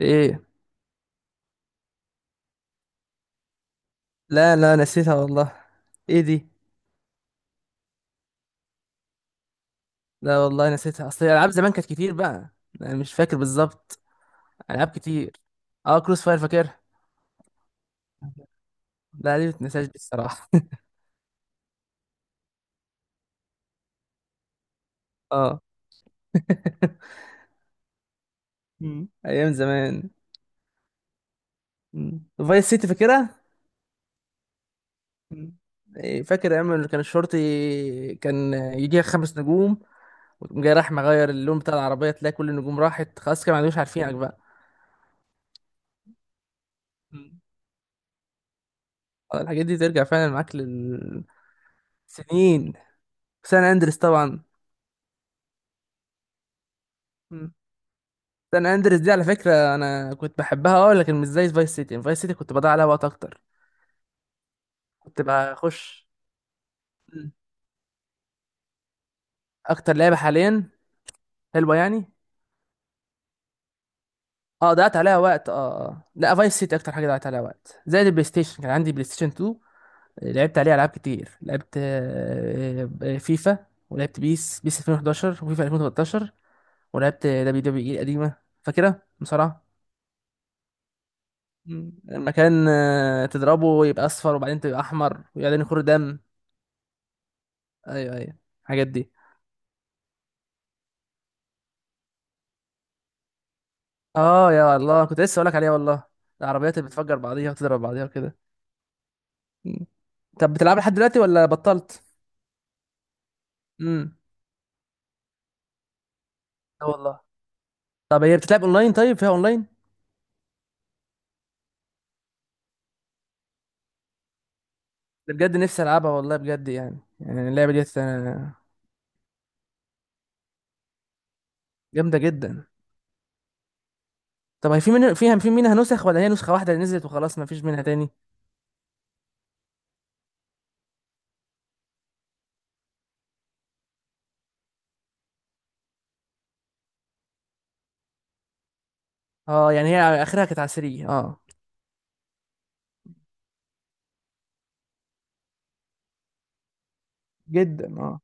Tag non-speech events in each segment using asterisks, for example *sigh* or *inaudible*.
ايه. لا لا، نسيتها والله. ايه دي؟ لا والله نسيتها، اصل الالعاب زمان كانت كتير بقى. انا مش فاكر بالظبط. العاب كتير. اه، كروس فاير فاكرها. لا دي متنساش دي الصراحه. اه. *laughs* مم. ايام زمان. مم. فايس سيتي فاكرها. مم. إيه، فاكر ايام اللي كان الشرطي كان يجيها خمس نجوم، وتقوم جاي راح مغير اللون بتاع العربيه تلاقي كل النجوم راحت خلاص، كده ما عندوش عارفينك بقى. مم. آه، الحاجات دي ترجع فعلا معاك للسنين. سان اندريس طبعا. سان اندريس دي على فكرة انا كنت بحبها، اه، لكن مش زي فايس سيتي، يعني فايس سيتي كنت بضيع عليها وقت اكتر. كنت بخش. مم. اكتر لعبة حاليا حلوة يعني. اه، ضيعت عليها وقت، اه. لا، فايس سيتي اكتر حاجة ضيعت عليها وقت، زائد البلاي ستيشن. كان عندي بلاي ستيشن 2، لعبت عليه العاب كتير. لعبت فيفا، ولعبت بيس 2011، وفيفا 2013، ولعبت دبليو دبليو اي القديمة، فاكرها بصراحة. مم. لما كان، آه، تضربه يبقى اصفر، وبعدين تبقى احمر، وبعدين يخر دم. ايوه ايوه، الحاجات دي. اه يا الله، كنت لسه اقولك عليها والله. العربيات اللي بتفجر بعضيها وتضرب بعضيها وكده. مم. طب بتلعب لحد دلوقتي ولا بطلت؟ امم، لا والله. طب هي بتتلعب اونلاين؟ طيب فيها اونلاين؟ ده بجد نفسي العبها والله بجد، يعني يعني اللعبه ديت، آه، جامده جدا. طب هي في من، فيها في منها نسخ، ولا هي نسخه واحده اللي نزلت وخلاص ما فيش منها تاني؟ اه، يعني هي اخرها كانت عسرية اه. جدا اه.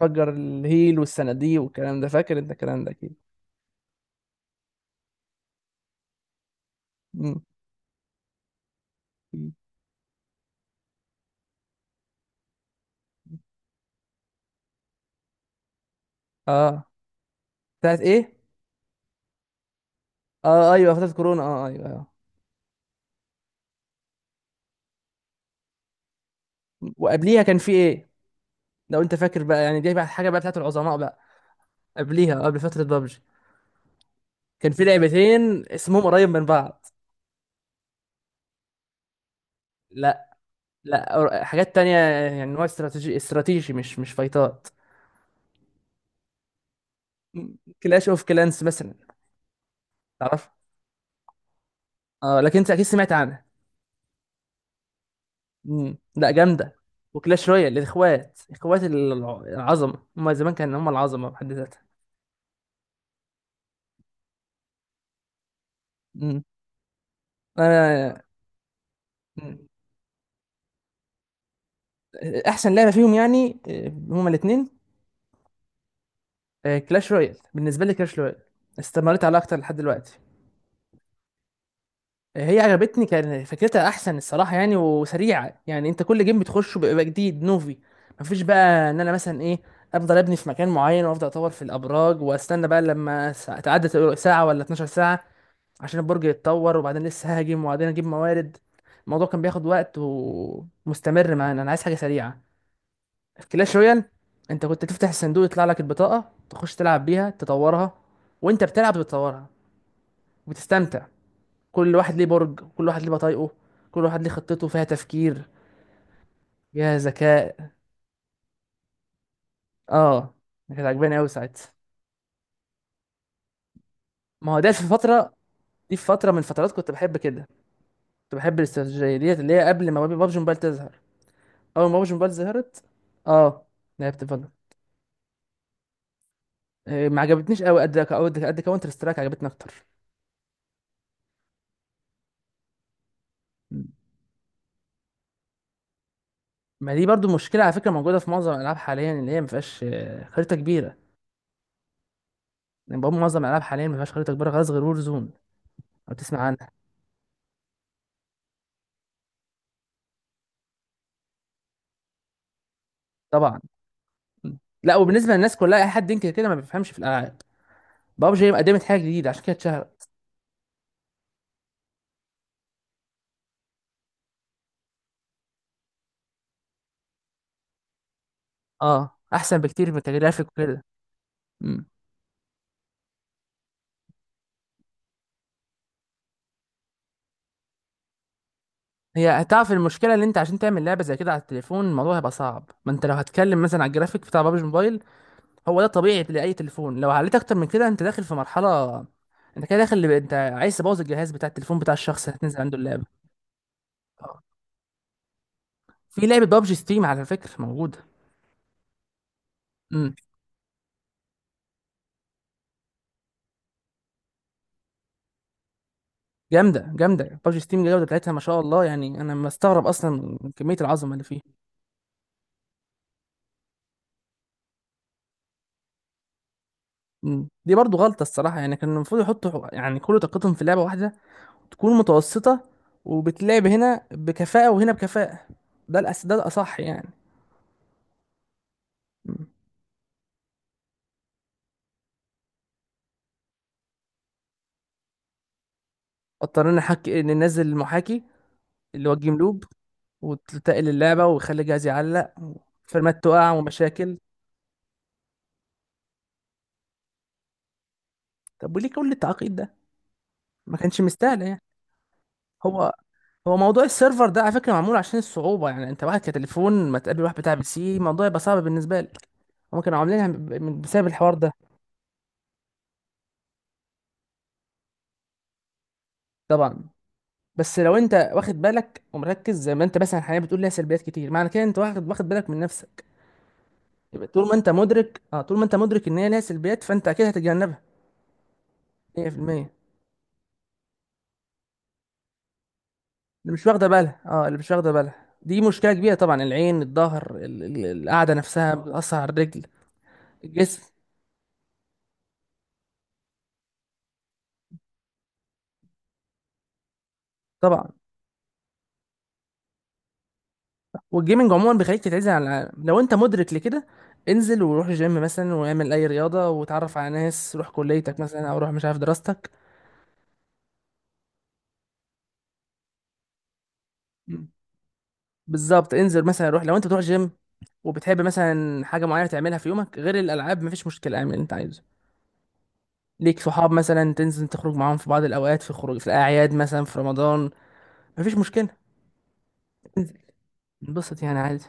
فجر الهيل والصناديق والكلام ده، فاكر انت الكلام ده اكيد. مم. اه. بتاعت ايه؟ اه ايوه، فترة كورونا، اه ايوه، آه. وقبليها كان في ايه؟ لو انت فاكر بقى، يعني دي بقى حاجه بقى بتاعت العظماء بقى. قبليها، آه، قبل فتره بابجي، كان في لعبتين اسمهم قريب من بعض. لا. لا. حاجات تانية، يعني نوع استراتيجي، مش فايتات. كلاش اوف كلانس مثلا. تعرف؟ اه، لكن انت اكيد سمعت عنها. مم. لا، جامده. وكلاش رويال، الاخوات، اخوات العظمه، هم زمان كانوا هم العظمه بحد ذاتها. مم. انا. مم. احسن لعبه فيهم، يعني آه، هما الاثنين. كلاش رويال، بالنسبه لي كلاش رويال. استمريت عليها اكتر لحد دلوقتي. آه، هي عجبتني، كان فكرتها احسن الصراحه يعني، وسريعه، يعني انت كل جيم بتخشه بيبقى جديد نوفي. مفيش بقى ان انا مثلا ايه، افضل ابني في مكان معين وافضل اطور في الابراج، واستنى بقى لما تعدي ساعه ولا 12 ساعه عشان البرج يتطور، وبعدين لسه ههاجم، وبعدين اجيب موارد. الموضوع كان بياخد وقت ومستمر معانا، انا عايز حاجه سريعه. في كلاش رويال، انت كنت تفتح الصندوق يطلع لك البطاقه، تخش تلعب بيها، تطورها، وانت بتلعب بتطورها وبتستمتع. كل واحد ليه برج، كل واحد ليه بطايقه، كل واحد ليه خطته، فيها تفكير، فيها ذكاء. اه، كانت عجباني قوي ساعتها. ما هو ده في فتره، دي في فتره من الفترات كنت بحب كده، كنت بحب الاستراتيجيه ديت، اللي هي قبل ما بابجي موبايل تظهر. اول ما بابجي موبايل ظهرت، اه، لعبت فالورانت. آه، ما عجبتنيش قوي، قد قد قد كاونتر سترايك عجبتني اكتر. ما دي برضو مشكله على فكره، موجوده في معظم الالعاب حاليا، اللي هي ما فيهاش، آه، خريطه كبيره. يعني بقى معظم الالعاب حاليا ما فيهاش خريطه كبيره خالص غير وور زون، لو تسمع عنها. طبعا. لا، وبالنسبه للناس كلها، اي حد ينكر كده ما بيفهمش في الالعاب. بابجي قدمت حاجه جديده، عشان كده اتشهرت. اه، احسن بكتير من كجرافيك وكده. مم. هي هتعرف المشكله اللي انت، عشان تعمل لعبه زي كده على التليفون، الموضوع هيبقى صعب. ما انت لو هتكلم مثلا على الجرافيك بتاع بابجي موبايل، هو ده طبيعي لاي تليفون. لو عليت اكتر من كده انت داخل في مرحله، انت كده داخل، اللي انت عايز تبوظ الجهاز بتاع التليفون بتاع الشخص اللي هتنزل عنده اللعبه. اه. في لعبه بابجي ستيم على فكره موجوده. امم. جامده جامده بابجي ستيم، الجوده بتاعتها ما شاء الله يعني، انا مستغرب اصلا من كميه العظمه اللي فيها. مم. دي برضو غلطة الصراحة، يعني كان المفروض يحطوا يعني كل طاقتهم في لعبة واحدة، تكون متوسطة، وبتلعب هنا بكفاءة وهنا بكفاءة. ده ده الأصح يعني. مم. اضطرينا نحكي ننزل المحاكي، اللي هو الجيم لوب، وتتقل اللعبة ويخلي الجهاز يعلق، وفيرمات تقع ومشاكل. طب وليه كل التعقيد ده؟ ما كانش مستاهل يعني. هو هو موضوع السيرفر ده على فكرة معمول عشان الصعوبة، يعني انت واحد كتليفون ما تقابل واحد بتاع بي سي، الموضوع يبقى صعب بالنسبة لك. هما كانوا عاملينها بسبب الحوار ده. طبعا. بس لو انت واخد بالك ومركز زي ما انت مثلا حاليا بتقول ليها سلبيات كتير، معنى كده انت واخد بالك من نفسك. يبقى طول ما انت مدرك، اه، طول ما انت مدرك ان هي ليها سلبيات، فانت اكيد هتتجنبها. 100%. اللي مش واخده بالها، اه، اللي مش واخده بالها دي مشكله كبيره طبعا. العين، الظهر، القعده نفسها بتاثر على الرجل، الجسم. طبعا، والجيمنج عموما بيخليك تتعزل عن العالم لو انت مدرك لكده. انزل وروح جيم مثلا، واعمل اي رياضه، وتعرف على ناس، روح كليتك مثلا، او روح مش عارف دراستك. مم. بالظبط، انزل مثلا، روح لو انت بتروح جيم، وبتحب مثلا حاجة معينة تعملها في يومك غير الألعاب، مفيش مشكلة، اعمل اللي أنت عايزه. ليك صحاب مثلا تنزل تخرج معاهم في بعض الأوقات، في خروج، في الأعياد مثلا، في رمضان، مفيش مشكلة، تنزل انبسط يعني عادي.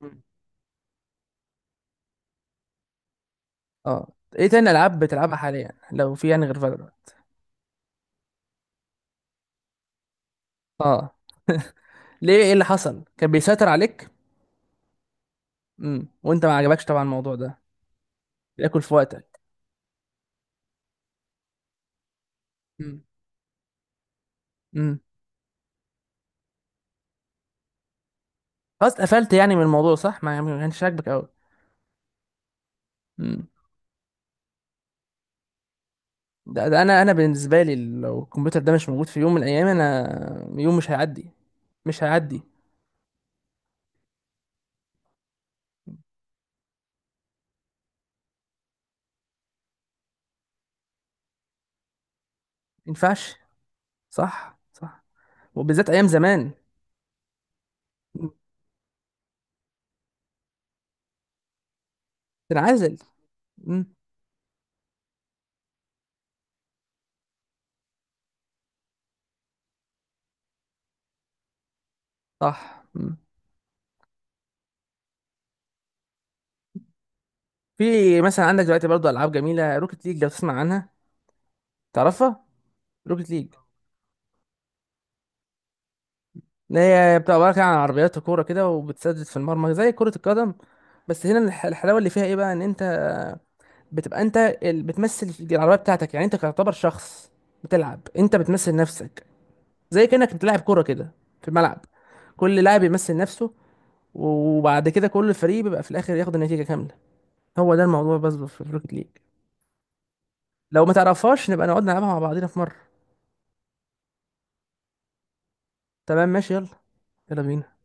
مم. اه. ايه تاني ألعاب بتلعبها حاليا لو في، يعني غير فالورانت؟ اه، ليه؟ ايه اللي حصل، كان بيسيطر عليك؟ امم، وانت ما عجبكش طبعا الموضوع ده، بياكل في وقتك. امم. امم. خلاص قفلت يعني من الموضوع، صح؟ ما يعني ما كانش عاجبك قوي. ده انا بالنسبه لي لو الكمبيوتر ده مش موجود في يوم من الايام، انا يوم مش هيعدي، مش هيعدي. ما ينفعش. صح صح. وبالذات ايام زمان. تنعزل. مم. صح. مم. في مثلا عندك دلوقتي برضه العاب جميله، روكيت ليج، لو تسمع عنها، تعرفها. روكيت ليج، اللي هي بتبقى عباره كده عن عربيات وكوره كده، وبتسدد في المرمى زي كره القدم. بس هنا الحلاوه اللي فيها ايه بقى، ان انت بتبقى انت بتمثل العربيه بتاعتك، يعني انت تعتبر شخص بتلعب، انت بتمثل نفسك، زي كأنك انت لاعب كورة كده في الملعب، كل لاعب يمثل نفسه، وبعد كده كل فريق بيبقى في الآخر ياخد النتيجة كاملة. هو ده الموضوع بس في البروكت ليج. لو ما تعرفهاش نبقى نقعد نلعبها مع بعضينا في مرة. تمام ماشي، يلا. يلا بينا.